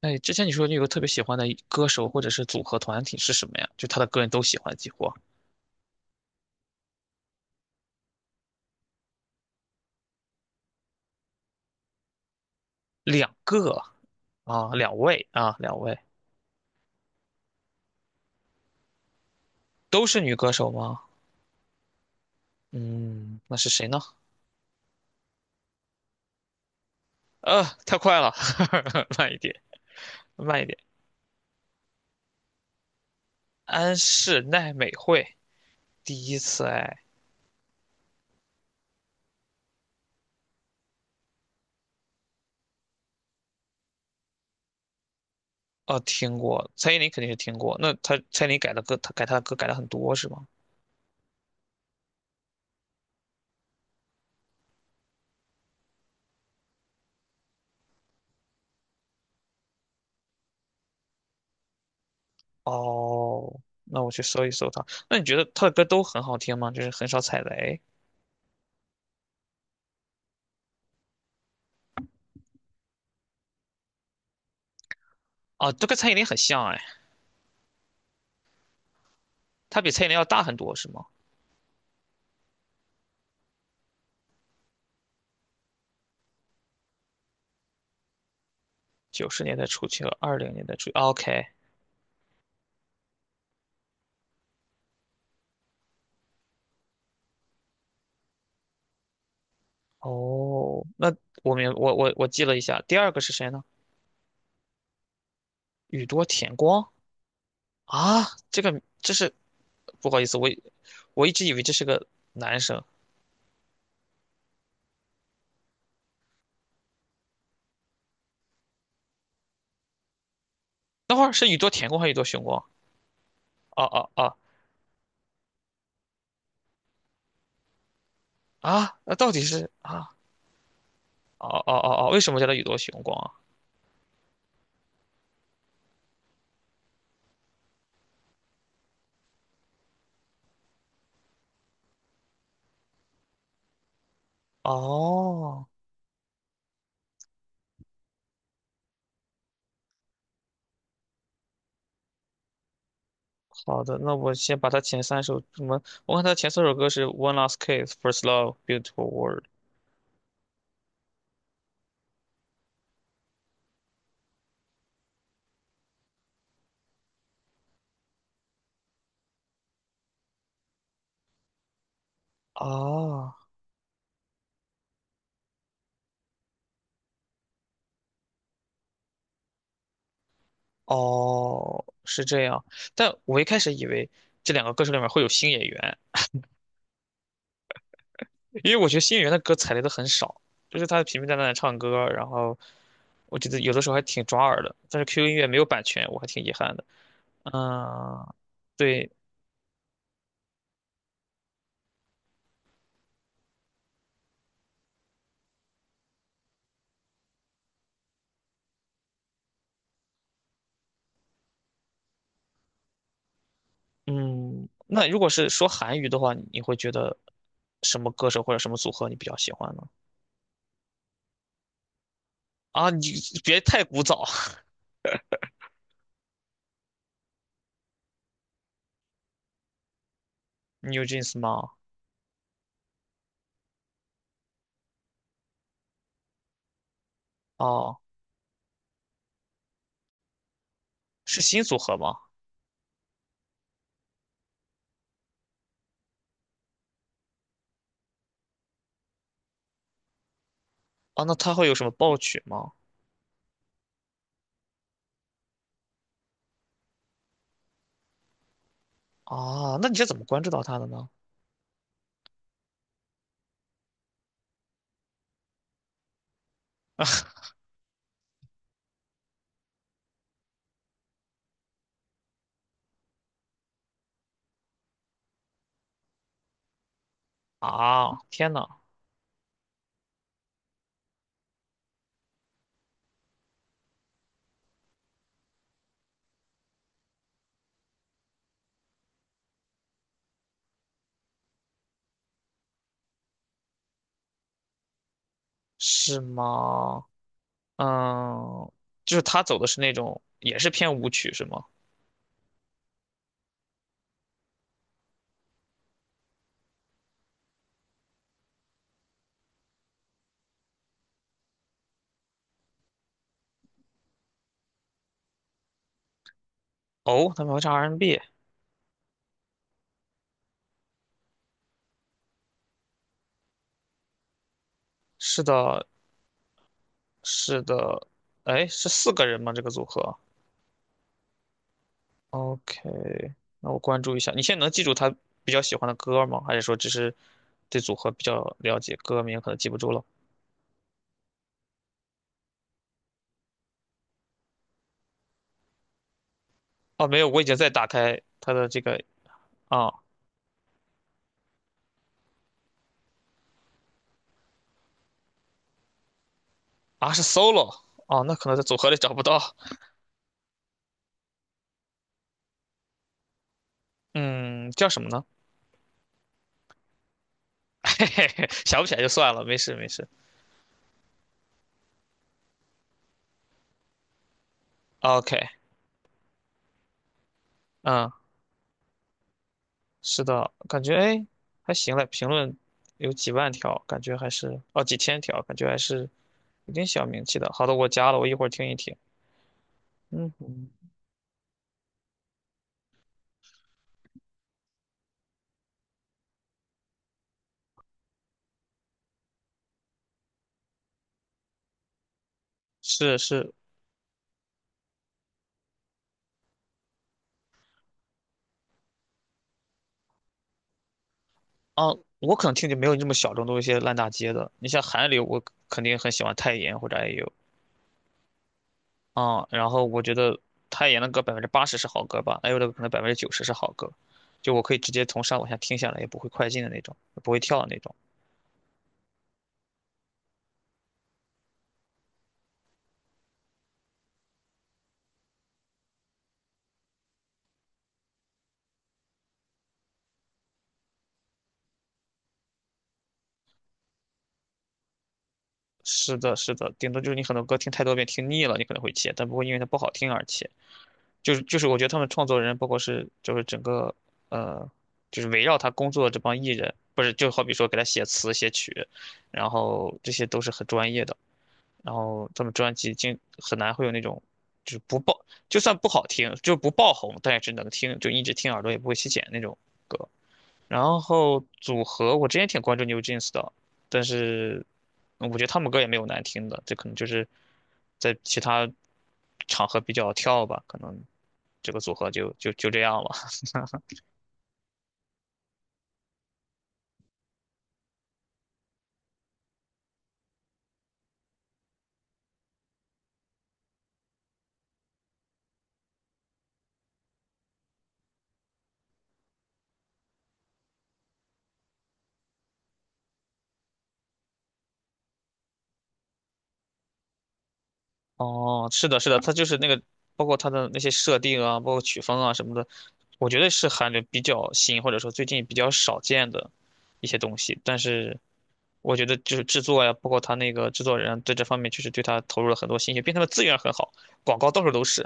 哎，之前你说你有个特别喜欢的歌手或者是组合团体是什么呀？就他的歌人都喜欢，几乎两个啊，两位啊，两位都是女歌手吗？嗯，那是谁呢？太快了，慢一点，慢一点。安室奈美惠，第一次哎。哦，听过，蔡依林肯定是听过。那她蔡依林改的歌，她改她的歌改了很多是吗？哦，那我去搜一搜她。那你觉得她的歌都很好听吗？就是很少踩雷啊，都跟蔡依林很像哎。它比蔡依林要大很多，是吗？90年代初期和20年代初期，OK。哦，那我明我我我记了一下，第二个是谁呢？宇多田光啊，这是不好意思，我一直以为这是个男生。等会儿是宇多田光还是宇多雄光？哦哦哦啊，那到底是啊？哦哦哦哦，为什么叫他宇多雄光啊？哦，好的，那我先把他前三首什么？我看他前三首歌是《One Last Kiss》《First Love》《Beautiful World》。啊。哦，是这样。但我一开始以为这两个歌手里面会有新演员，因为我觉得新演员的歌踩雷的很少，就是他平平淡淡的唱歌，然后我觉得有的时候还挺抓耳的。但是 QQ 音乐没有版权，我还挺遗憾的。嗯，对。嗯，那如果是说韩语的话，你会觉得什么歌手或者什么组合你比较喜欢呢？啊，你别太古早，你有 WJENS 吗？哦，是新组合吗？啊，那他会有什么爆曲吗？啊，那你是怎么关注到他的呢？啊，天呐。是吗？嗯，就是他走的是那种也是偏舞曲是吗？哦，他们会唱 R&B，是的，是的。哎，是4个人吗？这个组合？OK,那我关注一下。你现在能记住他比较喜欢的歌吗？还是说只是对组合比较了解，歌名可能记不住了？哦，没有，我已经在打开他的这个。啊啊是 solo。 哦，那可能在组合里找不到。嗯，叫什么呢？嘿嘿嘿，想不起来就算了，没事没事。OK。嗯，是的，感觉哎还行嘞，评论有几万条，感觉还是哦几千条，感觉还是有点小名气的。好的，我加了，我一会儿听一听。嗯哼。是是，啊，我可能听就没有你这么小众，都是一些烂大街的。你像韩流，我肯定很喜欢泰妍或者 IU,啊。嗯，然后我觉得泰妍的歌80%是好歌吧，IU 的可能90%是好歌，就我可以直接从上往下听下来，也不会快进的那种，也不会跳的那种。是的，是的，顶多就是你很多歌听太多遍听腻了，你可能会切，但不会因为它不好听而切。就是就是，我觉得他们创作人，包括是就是整个，呃，就是围绕他工作的这帮艺人，不是就好比说给他写词写曲，然后这些都是很专业的，然后他们专辑经很难会有那种就是不爆，就算不好听，就不爆红，但也是能听，就一直听耳朵也不会起茧那种歌。然后组合，我之前挺关注 New Jeans 的，但是嗯我觉得他们歌也没有难听的，这可能就是在其他场合比较跳吧，可能这个组合就这样了。哦，是的，是的，它就是那个，包括它的那些设定啊，包括曲风啊什么的，我觉得是韩流比较新，或者说最近比较少见的一些东西。但是我觉得就是制作呀，包括他那个制作人在这方面确实对他投入了很多心血，并且他的资源很好，广告到处都是。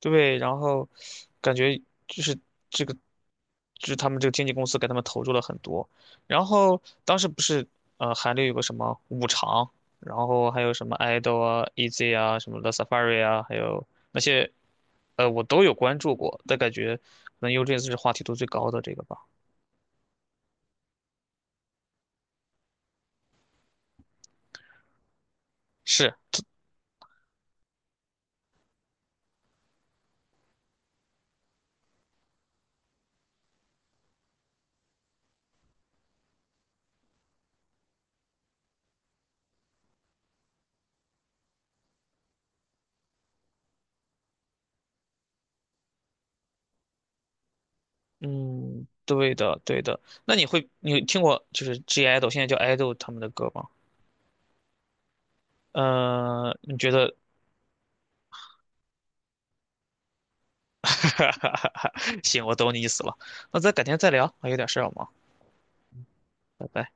对，然后感觉就是这个，就是他们这个经纪公司给他们投入了很多。然后当时不是，韩流有个什么五常，然后还有什么 idol 啊、EZ 啊、什么 The Safari 啊，还有那些，我都有关注过，但感觉可能 UJS 是话题度最高的这个吧。是。嗯，对的，对的。那你有听过就是 G idol 现在叫 idol 他们的歌吗？呃，你觉得 哈，行，我懂你意思了。那咱改天再聊，我有点事儿要忙，拜拜。